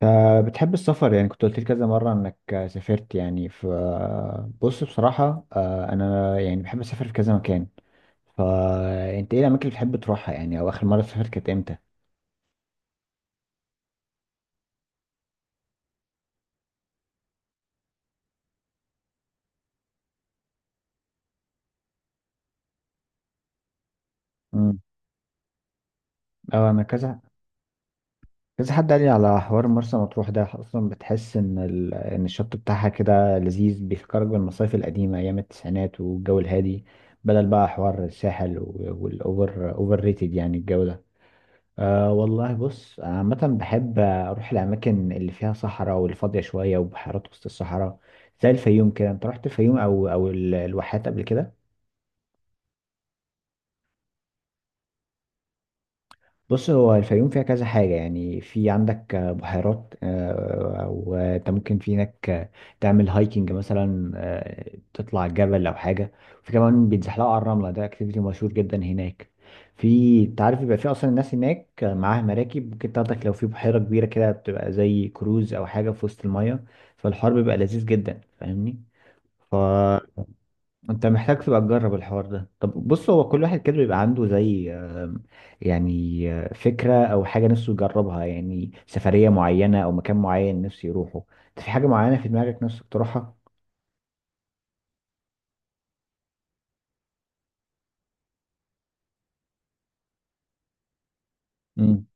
فبتحب السفر يعني كنت قلت لي كذا مرة انك سافرت يعني بص، بصراحة، انا يعني بحب اسافر في كذا مكان. فانت ايه الاماكن اللي بتحب تروحها يعني، او اخر مرة سافرت كانت امتى؟ امم. اه، انا كذا حد قال لي على حوار مرسى مطروح ده، اصلا بتحس ان الشط بتاعها كده لذيذ، بيفكرك بالمصايف القديمة ايام التسعينات والجو الهادي. بدل بقى حوار الساحل والاوفر اوفر ريتد يعني، الجو ده. أه والله، بص، عامة بحب أروح الأماكن اللي فيها صحراء والفاضية شوية، وبحيرات وسط الصحراء. زي الفيوم كده. أنت رحت الفيوم أو الواحات قبل كده؟ بص، هو الفيوم فيها كذا حاجة يعني، في عندك بحيرات، وانت ممكن في هناك تعمل هايكنج مثلا، تطلع الجبل أو حاجة. في كمان بيتزحلقوا على الرملة، ده اكتيفيتي مشهور جدا هناك. في، انت عارف، بيبقى في أصلا الناس هناك معاها مراكب ممكن تاخدك، لو في بحيرة كبيرة كده بتبقى زي كروز أو حاجة في وسط المية. فالحوار بيبقى لذيذ جدا، فاهمني؟ ف انت محتاج تبقى تجرب الحوار ده. طب بص، هو كل واحد كده بيبقى عنده زي يعني فكرة او حاجة نفسه يجربها، يعني سفرية معينة او مكان معين نفسه يروحه. انت في حاجة معينة في دماغك نفسك تروحها؟ امم.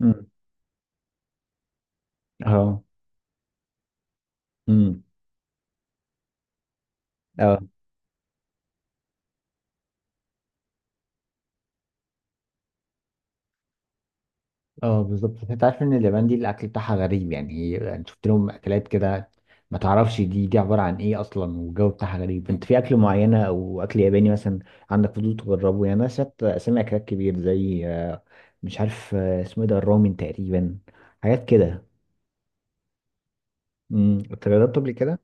امم. اه. امم. اه، بالظبط. انت عارف ان اليابان دي الاكل بتاعها غريب يعني، هي يعني شفت لهم اكلات كده، ما تعرفش دي عباره عن ايه اصلا، والجو بتاعها غريب. انت في اكل معينه او اكل ياباني مثلا عندك فضول تجربه يعني؟ انا شفت اسامي اكلات كبير زي مش عارف اسمه ايه ده، الرامن تقريبا، حاجات كده. امم. انت جربته قبل كده؟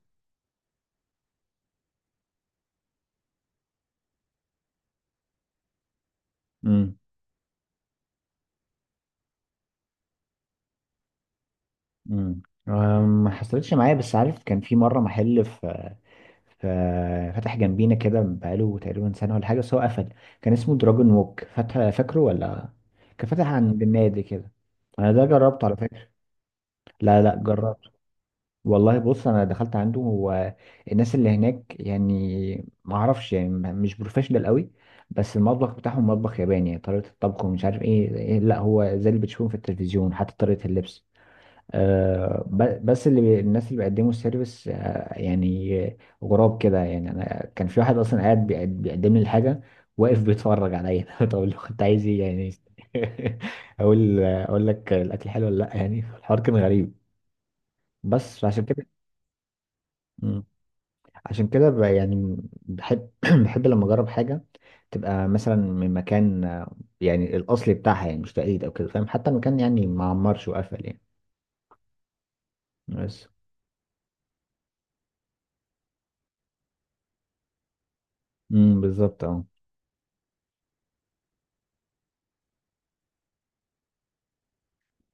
امم. امم. ما حصلتش معايا، بس عارف كان في مره محل في، ففتح جنبينا كده بقاله تقريبا سنة ولا حاجة، بس هو قفل. كان اسمه دراجون ووك، فاتح فاكره ولا؟ كان فاتح عند النادي كده. انا ده جربته على فكرة. لا لا، جربته. والله بص، انا دخلت عنده. هو الناس اللي هناك يعني ما اعرفش يعني مش بروفيشنال قوي. بس المطبخ بتاعهم مطبخ ياباني يعني، طريقة الطبخ ومش عارف ايه إيه، لا هو زي اللي بتشوفهم في التلفزيون، حتى طريقة اللبس. بس اللي الناس اللي بيقدموا السيرفيس يعني غراب كده يعني. انا كان في واحد اصلا قاعد بيقدم لي الحاجه، واقف بيتفرج عليا. طب لو كنت عايز ايه يعني؟ اقول لك الاكل حلو ولا لا، يعني الحوار كان غريب، بس عشان كده. مم. عشان كده يعني بحب بحب لما اجرب حاجه تبقى مثلا من مكان يعني الاصلي بتاعها، يعني مش تقليد او كده، فاهم؟ حتى المكان يعني ما عمرش وقفل يعني، بس. امم، بالظبط، اه.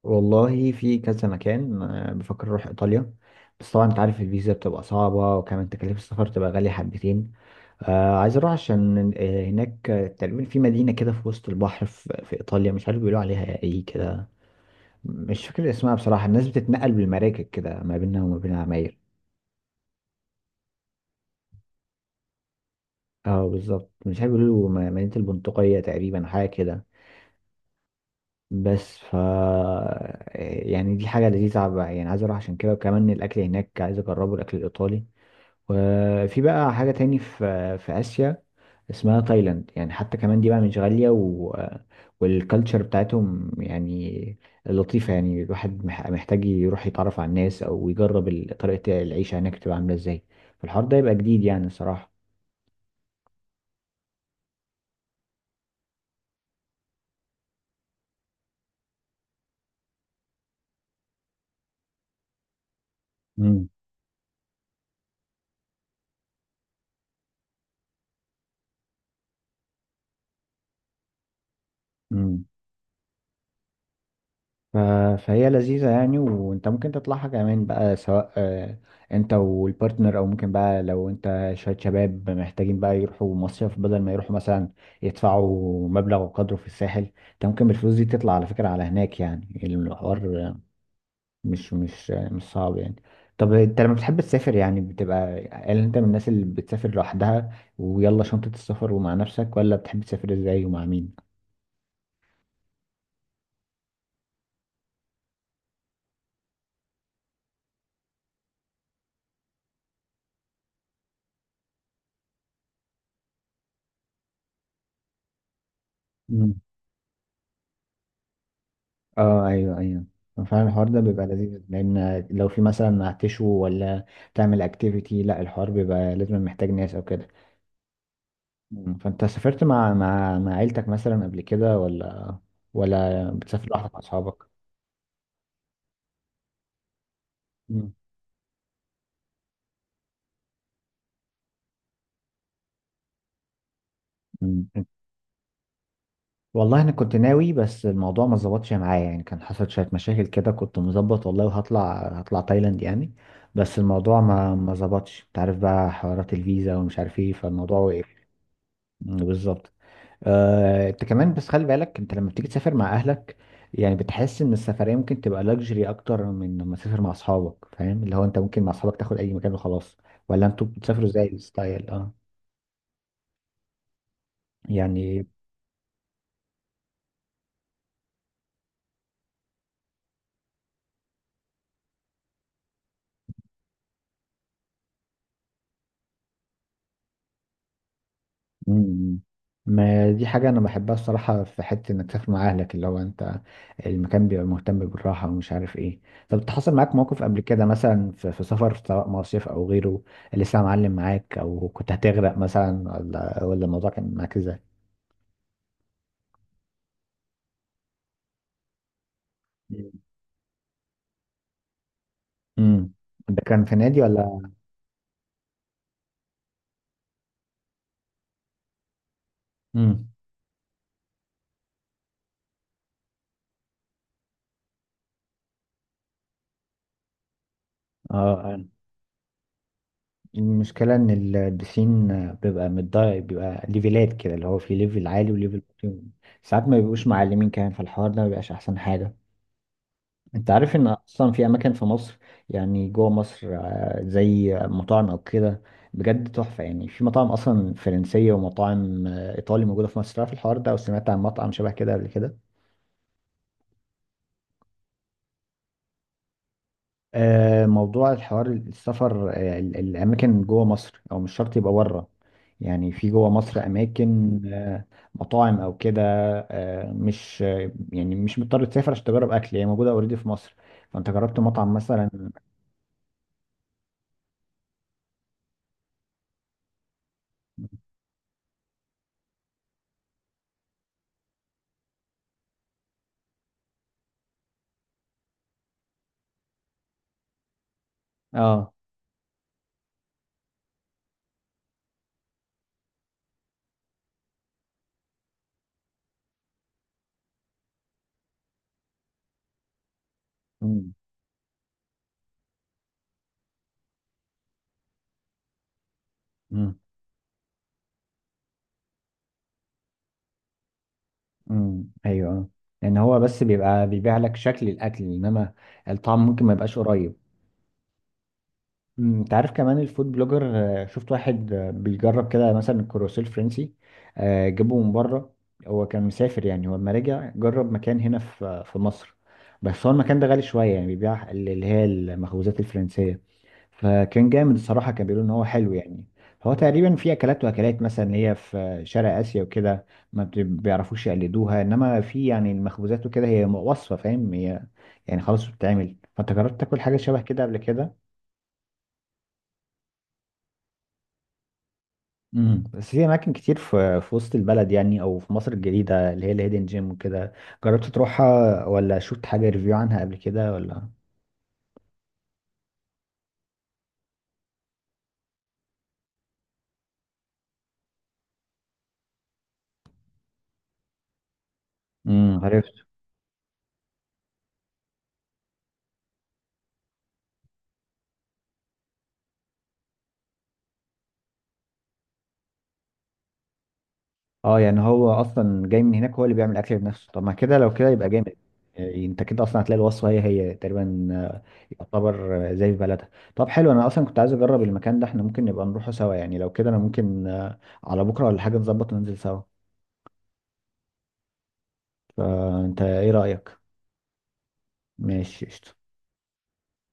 والله في كذا مكان بفكر اروح ايطاليا. بس طبعا انت عارف الفيزا بتبقى صعبة، وكمان تكاليف السفر تبقى غالية حبتين. عايز اروح عشان هناك تقريبا في مدينة كده في وسط البحر في ايطاليا، مش عارف بيقولوا عليها ايه كده. مش فاكر اسمها بصراحة. الناس بتتنقل بالمراكب كده ما بينها وما بين العماير. اه بالظبط، مش عارف بيقولوا مدينة البندقية تقريبا، حاجة كده. بس يعني دي حاجة لذيذة بقى، يعني عايز اروح عشان كده. وكمان الأكل هناك عايز أجربه، الأكل الإيطالي. وفي بقى حاجة تاني في آسيا اسمها تايلاند، يعني حتى كمان دي بقى مش غالية والكالتشر بتاعتهم يعني لطيفة يعني، الواحد محتاج يروح يتعرف على الناس، أو يجرب طريقة العيشة هناك تبقى عاملة ازاي. فالحوار ده يبقى جديد يعني الصراحة. مم. ف- فهي لذيذة يعني، وانت ممكن تطلعها كمان بقى، سواء انت والبارتنر، او ممكن بقى لو انت شوية شباب محتاجين بقى يروحوا مصيف بدل ما يروحوا مثلا يدفعوا مبلغ وقدره في الساحل. انت ممكن بالفلوس دي تطلع على فكرة على هناك، يعني الحوار مش صعب يعني. طب انت لما بتحب تسافر يعني بتبقى، هل انت من الناس اللي بتسافر لوحدها ويلا شنطة السفر ومع نفسك، ولا بتحب تسافر ازاي ومع مين؟ اه، ايوه ايوه، فعلا الحوار ده بيبقى لذيذ، لان لو في مثلا هتشوي ولا تعمل اكتيفيتي، لا الحوار بيبقى لازم، محتاج ناس او كده. مم. فانت سافرت مع عيلتك مثلا قبل كده، ولا بتسافر لوحدك مع اصحابك؟ مم. مم. والله انا كنت ناوي، بس الموضوع ما ظبطش معايا يعني، كان حصل شويه مشاكل كده، كنت مظبط والله، وهطلع تايلاند يعني. بس الموضوع ما ظبطش. انت عارف بقى حوارات الفيزا ومش عارف ايه، فالموضوع وقف. مم، بالظبط. انت كمان بس خلي بالك، انت لما بتيجي تسافر مع اهلك يعني بتحس ان السفريه ممكن تبقى لاكجري اكتر من لما تسافر مع اصحابك، فاهم؟ اللي هو انت ممكن مع اصحابك تاخد اي مكان وخلاص، ولا انتوا بتسافروا ازاي الستايل، اه؟ يعني. مم. ما دي حاجه انا بحبها الصراحه، في حته انك تسافر مع اهلك، اللي هو انت المكان بيبقى مهتم بالراحه ومش عارف ايه. طب حصل معاك موقف قبل كده، مثلا في سفر سواء مصيف او غيره، اللي لسه معلم معاك، او كنت هتغرق مثلا ولا الموضوع كان معاك ازاي؟ امم. ده كان في نادي ولا؟ امم. اه. المشكله ان البسين بيبقى متضايق، بيبقى ليفلات كده اللي هو في ليفل عالي وليفل واطي. ساعات ما بيبقوش معلمين كمان، في الحوار ده ما بيبقاش احسن حاجه. انت عارف ان اصلا في اماكن في مصر، يعني جوه مصر زي مطاعم او كده، بجد تحفه. يعني في مطاعم اصلا فرنسيه ومطاعم ايطالي موجوده في مصر، عارف الحوار ده او سمعت عن مطعم شبه كده قبل كده؟ موضوع الحوار السفر، الأماكن جوه مصر أو مش شرط يبقى بره. يعني في جوه مصر أماكن، مطاعم أو كده، مش يعني مش مضطر تسافر عشان تجرب أكل، هي موجودة أوريدي في مصر. فأنت جربت مطعم مثلا؟ اه. امم. امم. امم. ايوه. آه. لأن هو بس بيبقى بيبيع لك شكل الأكل، إنما الطعم ممكن ما يبقاش قريب. مم، انت عارف كمان الفود بلوجر، شفت واحد بيجرب كده مثلا الكروسيل الفرنسي، جابه من بره. هو كان مسافر يعني، هو لما رجع جرب مكان هنا في في مصر. بس هو المكان ده غالي شوية، يعني بيبيع اللي هي المخبوزات الفرنسية. فكان جامد الصراحة، كان بيقولوا ان هو حلو يعني. هو تقريبا في اكلات، واكلات مثلا اللي هي في شرق اسيا وكده، ما بيعرفوش يقلدوها، انما في يعني المخبوزات وكده هي وصفة، فاهم؟ هي يعني خلاص بتتعمل. فانت جربت تاكل حاجة شبه كده قبل كده؟ امم. بس في اماكن كتير في وسط البلد يعني، او في مصر الجديده، اللي هي الهيدن جيم وكده، جربت تروحها ولا شفت حاجه ريفيو عنها قبل كده ولا؟ امم. عرفت. اه، يعني هو اصلا جاي من هناك، هو اللي بيعمل اكل بنفسه. طب ما كده، لو كده يبقى جامد. يعني انت كده اصلا هتلاقي الوصفه هي هي تقريبا، يعتبر زي في بلدها. طب حلو، انا اصلا كنت عايز اجرب المكان ده. احنا ممكن نبقى نروحه سوا يعني، لو كده انا ممكن على بكره ولا حاجه نظبط وننزل سوا، فانت ايه رايك؟ ماشي قشطة.